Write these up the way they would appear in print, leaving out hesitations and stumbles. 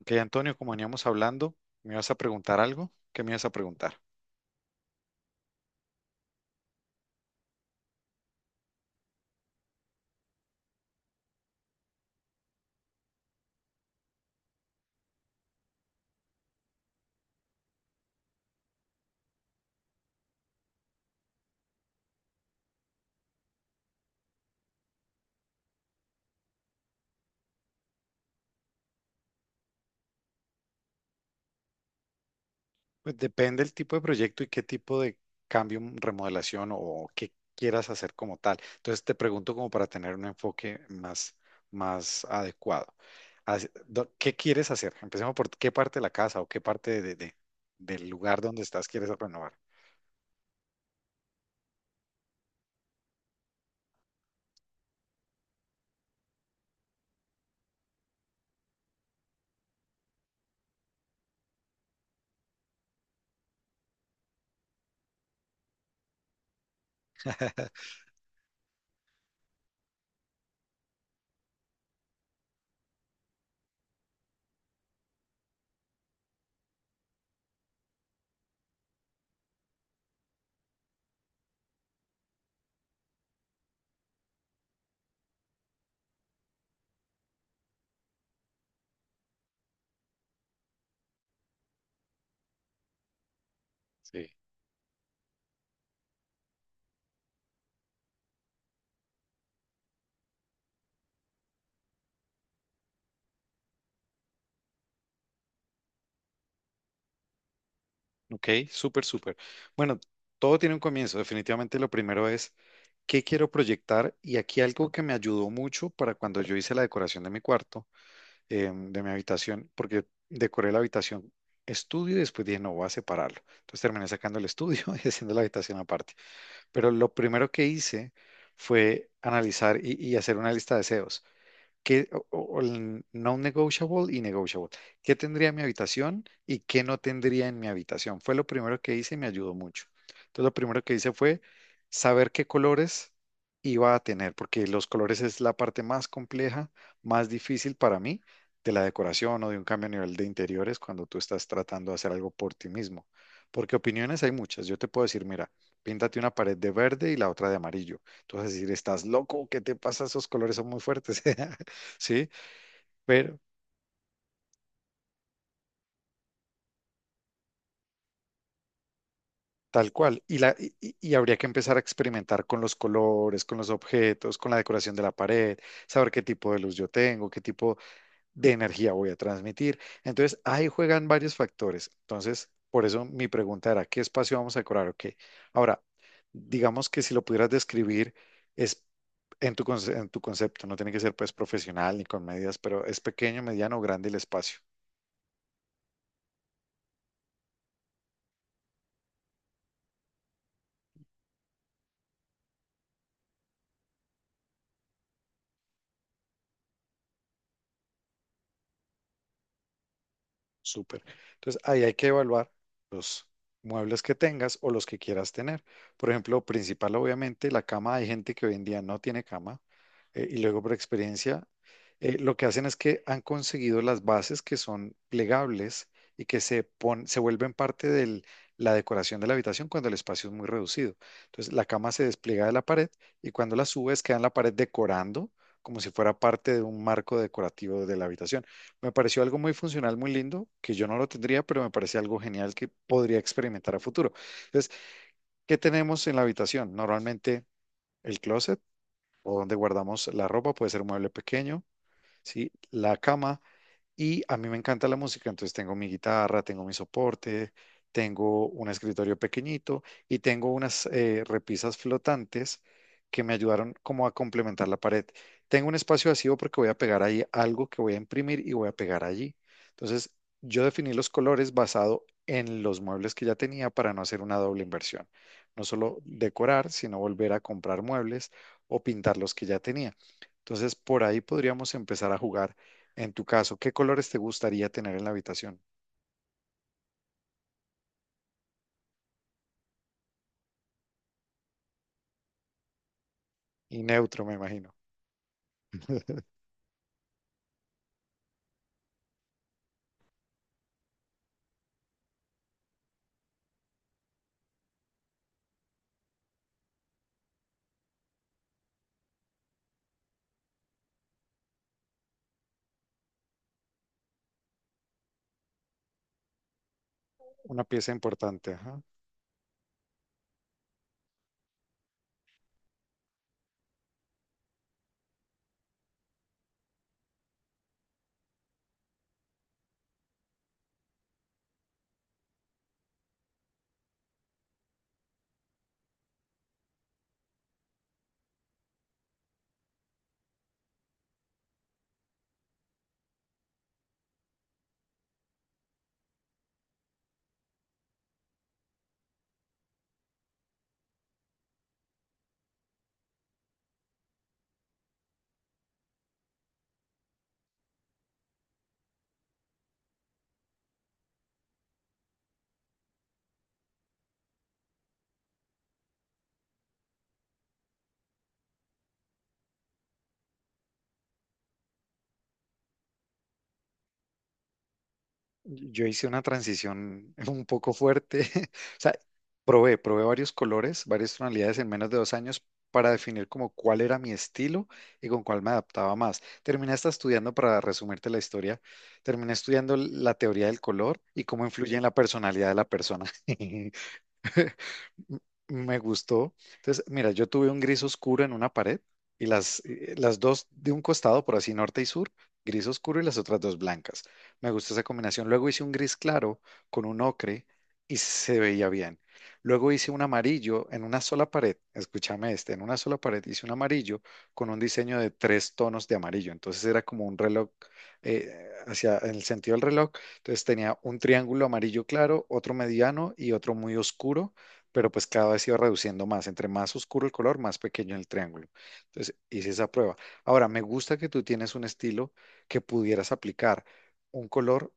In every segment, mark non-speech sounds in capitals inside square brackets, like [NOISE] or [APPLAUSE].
Ok, Antonio, como veníamos hablando, ¿me ibas a preguntar algo? ¿Qué me ibas a preguntar? Pues depende del tipo de proyecto y qué tipo de cambio, remodelación o qué quieras hacer como tal. Entonces te pregunto como para tener un enfoque más, más adecuado. ¿Qué quieres hacer? Empecemos por qué parte de la casa o qué parte de del lugar donde estás quieres renovar. Sí. Ok, súper, súper. Bueno, todo tiene un comienzo. Definitivamente lo primero es qué quiero proyectar, y aquí algo que me ayudó mucho para cuando yo hice la decoración de mi cuarto, de mi habitación, porque decoré la habitación estudio y después dije, no, voy a separarlo. Entonces terminé sacando el estudio [LAUGHS] y haciendo la habitación aparte. Pero lo primero que hice fue analizar y hacer una lista de deseos. ¿Qué, o el non-negotiable y negotiable? ¿Qué tendría en mi habitación y qué no tendría en mi habitación? Fue lo primero que hice y me ayudó mucho. Entonces, lo primero que hice fue saber qué colores iba a tener, porque los colores es la parte más compleja, más difícil para mí de la decoración o de un cambio a nivel de interiores cuando tú estás tratando de hacer algo por ti mismo. Porque opiniones hay muchas. Yo te puedo decir, mira, píntate una pared de verde y la otra de amarillo. Tú vas a decir, estás loco, ¿qué te pasa? Esos colores son muy fuertes. [LAUGHS] ¿Sí? Pero tal cual. Y y habría que empezar a experimentar con los colores, con los objetos, con la decoración de la pared, saber qué tipo de luz yo tengo, qué tipo de energía voy a transmitir. Entonces, ahí juegan varios factores. Entonces, por eso mi pregunta era, ¿qué espacio vamos a decorar o qué? Ahora, digamos que si lo pudieras describir, es... En tu, en tu concepto, no tiene que ser pues profesional ni con medidas, pero es pequeño, mediano o grande el espacio. Súper. Entonces, ahí hay que evaluar los muebles que tengas o los que quieras tener. Por ejemplo, principal, obviamente, la cama. Hay gente que hoy en día no tiene cama. Y luego, por experiencia, lo que hacen es que han conseguido las bases que son plegables y que se vuelven parte de la decoración de la habitación cuando el espacio es muy reducido. Entonces, la cama se despliega de la pared y cuando la subes, queda en la pared decorando como si fuera parte de un marco decorativo de la habitación. Me pareció algo muy funcional, muy lindo, que yo no lo tendría, pero me parece algo genial que podría experimentar a futuro. Entonces, ¿qué tenemos en la habitación? Normalmente el closet o donde guardamos la ropa, puede ser un mueble pequeño. ¿Sí? La cama. Y a mí me encanta la música, entonces tengo mi guitarra, tengo mi soporte, tengo un escritorio pequeñito y tengo unas repisas flotantes que me ayudaron como a complementar la pared. Tengo un espacio vacío porque voy a pegar ahí algo que voy a imprimir y voy a pegar allí. Entonces, yo definí los colores basado en los muebles que ya tenía para no hacer una doble inversión. No solo decorar, sino volver a comprar muebles o pintar los que ya tenía. Entonces, por ahí podríamos empezar a jugar. En tu caso, ¿qué colores te gustaría tener en la habitación? Y neutro, me imagino. Una pieza importante. Ajá. Yo hice una transición [LAUGHS] un poco fuerte. [LAUGHS] O sea, probé varios colores, varias tonalidades en menos de 2 años para definir como cuál era mi estilo y con cuál me adaptaba más. Terminé hasta estudiando, para resumirte la historia, terminé estudiando la teoría del color y cómo influye en la personalidad de la persona. [LAUGHS] m- Me gustó. Entonces, mira, yo tuve un gris oscuro en una pared y las dos de un costado, por así norte y sur, gris oscuro y las otras dos blancas. Me gustó esa combinación. Luego hice un gris claro con un ocre y se veía bien. Luego hice un amarillo en una sola pared. Escúchame este, en una sola pared hice un amarillo con un diseño de tres tonos de amarillo. Entonces era como un reloj hacia en el sentido del reloj. Entonces tenía un triángulo amarillo claro, otro mediano y otro muy oscuro, pero pues cada vez iba reduciendo más. Entre más oscuro el color, más pequeño el triángulo. Entonces hice esa prueba. Ahora, me gusta que tú tienes un estilo que pudieras aplicar un color,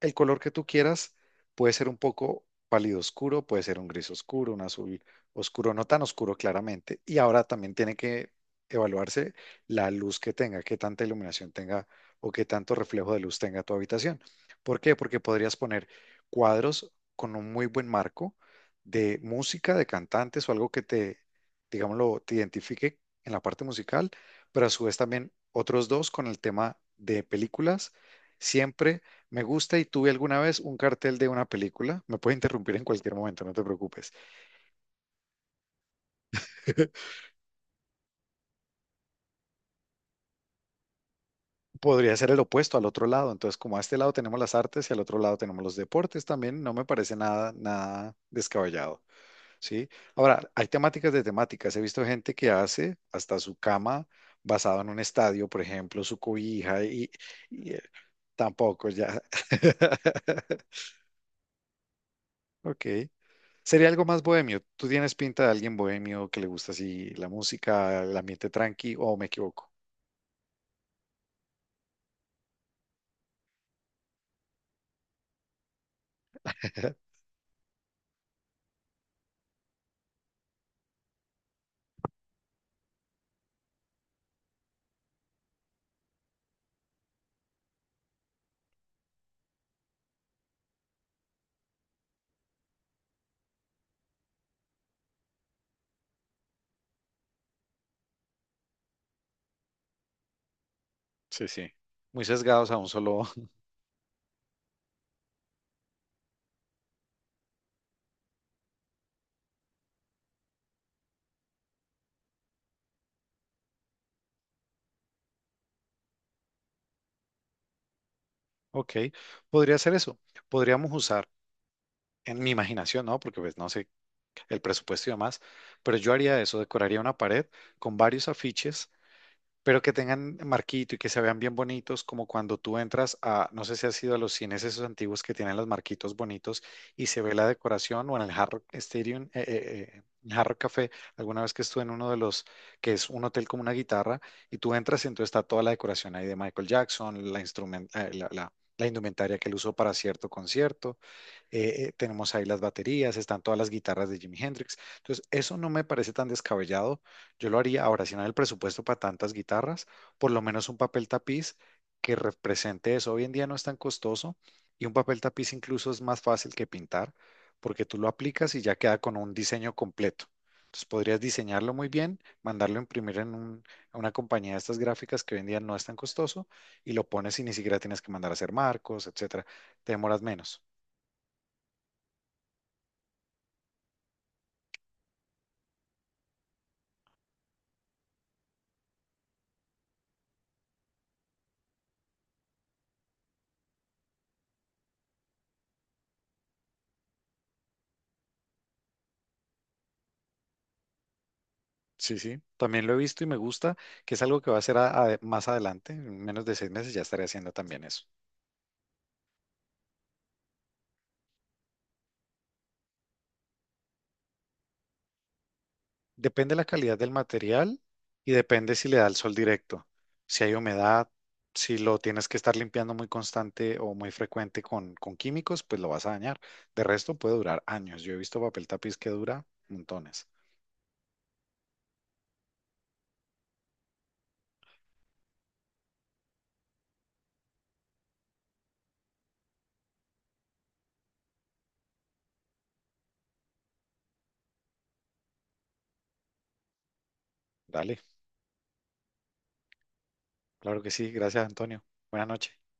el color que tú quieras, puede ser un poco pálido oscuro, puede ser un gris oscuro, un azul oscuro, no tan oscuro claramente. Y ahora también tiene que evaluarse la luz que tenga, qué tanta iluminación tenga o qué tanto reflejo de luz tenga tu habitación. ¿Por qué? Porque podrías poner cuadros con un muy buen marco de música, de cantantes o algo que te, digámoslo, te identifique en la parte musical, pero a su vez también otros dos con el tema de películas. Siempre me gusta y tuve alguna vez un cartel de una película. Me puedes interrumpir en cualquier momento, no te preocupes. [LAUGHS] Podría ser el opuesto al otro lado. Entonces, como a este lado tenemos las artes y al otro lado tenemos los deportes también, no me parece nada, nada descabellado, ¿sí? Ahora, hay temáticas de temáticas. He visto gente que hace hasta su cama basado en un estadio, por ejemplo, su cobija y tampoco ya. [LAUGHS] Ok. Sería algo más bohemio. ¿Tú tienes pinta de alguien bohemio que le gusta así la música, el ambiente tranqui o me equivoco? [LAUGHS] Sí, sí. Muy sesgados a un solo. [LAUGHS] Ok, podría ser eso. Podríamos usar en mi imaginación, ¿no? Porque pues no sé el presupuesto y demás, pero yo haría eso, decoraría una pared con varios afiches pero que tengan marquito y que se vean bien bonitos, como cuando tú entras a, no sé si has ido a los cines esos antiguos que tienen los marquitos bonitos y se ve la decoración, o en el Hard Rock Stadium, en Hard Rock Café, alguna vez que estuve en uno de los, que es un hotel como una guitarra, y tú entras y entonces está toda la decoración ahí de Michael Jackson, la la indumentaria que él usó para cierto concierto, tenemos ahí las baterías, están todas las guitarras de Jimi Hendrix. Entonces, eso no me parece tan descabellado. Yo lo haría ahora, si no hay el presupuesto para tantas guitarras, por lo menos un papel tapiz que represente eso. Hoy en día no es tan costoso y un papel tapiz incluso es más fácil que pintar porque tú lo aplicas y ya queda con un diseño completo. Entonces podrías diseñarlo muy bien, mandarlo a imprimir en a una compañía de estas gráficas que hoy en día no es tan costoso y lo pones y ni siquiera tienes que mandar a hacer marcos, etcétera. Te demoras menos. Sí, sí, también lo he visto y me gusta, que es algo que va a hacer más adelante, en menos de 6 meses ya estaré haciendo también eso. Depende la calidad del material y depende si le da el sol directo, si hay humedad, si lo tienes que estar limpiando muy constante o muy frecuente con químicos, pues lo vas a dañar. De resto puede durar años. Yo he visto papel tapiz que dura montones. Dale, claro que sí, gracias Antonio. Buenas noches.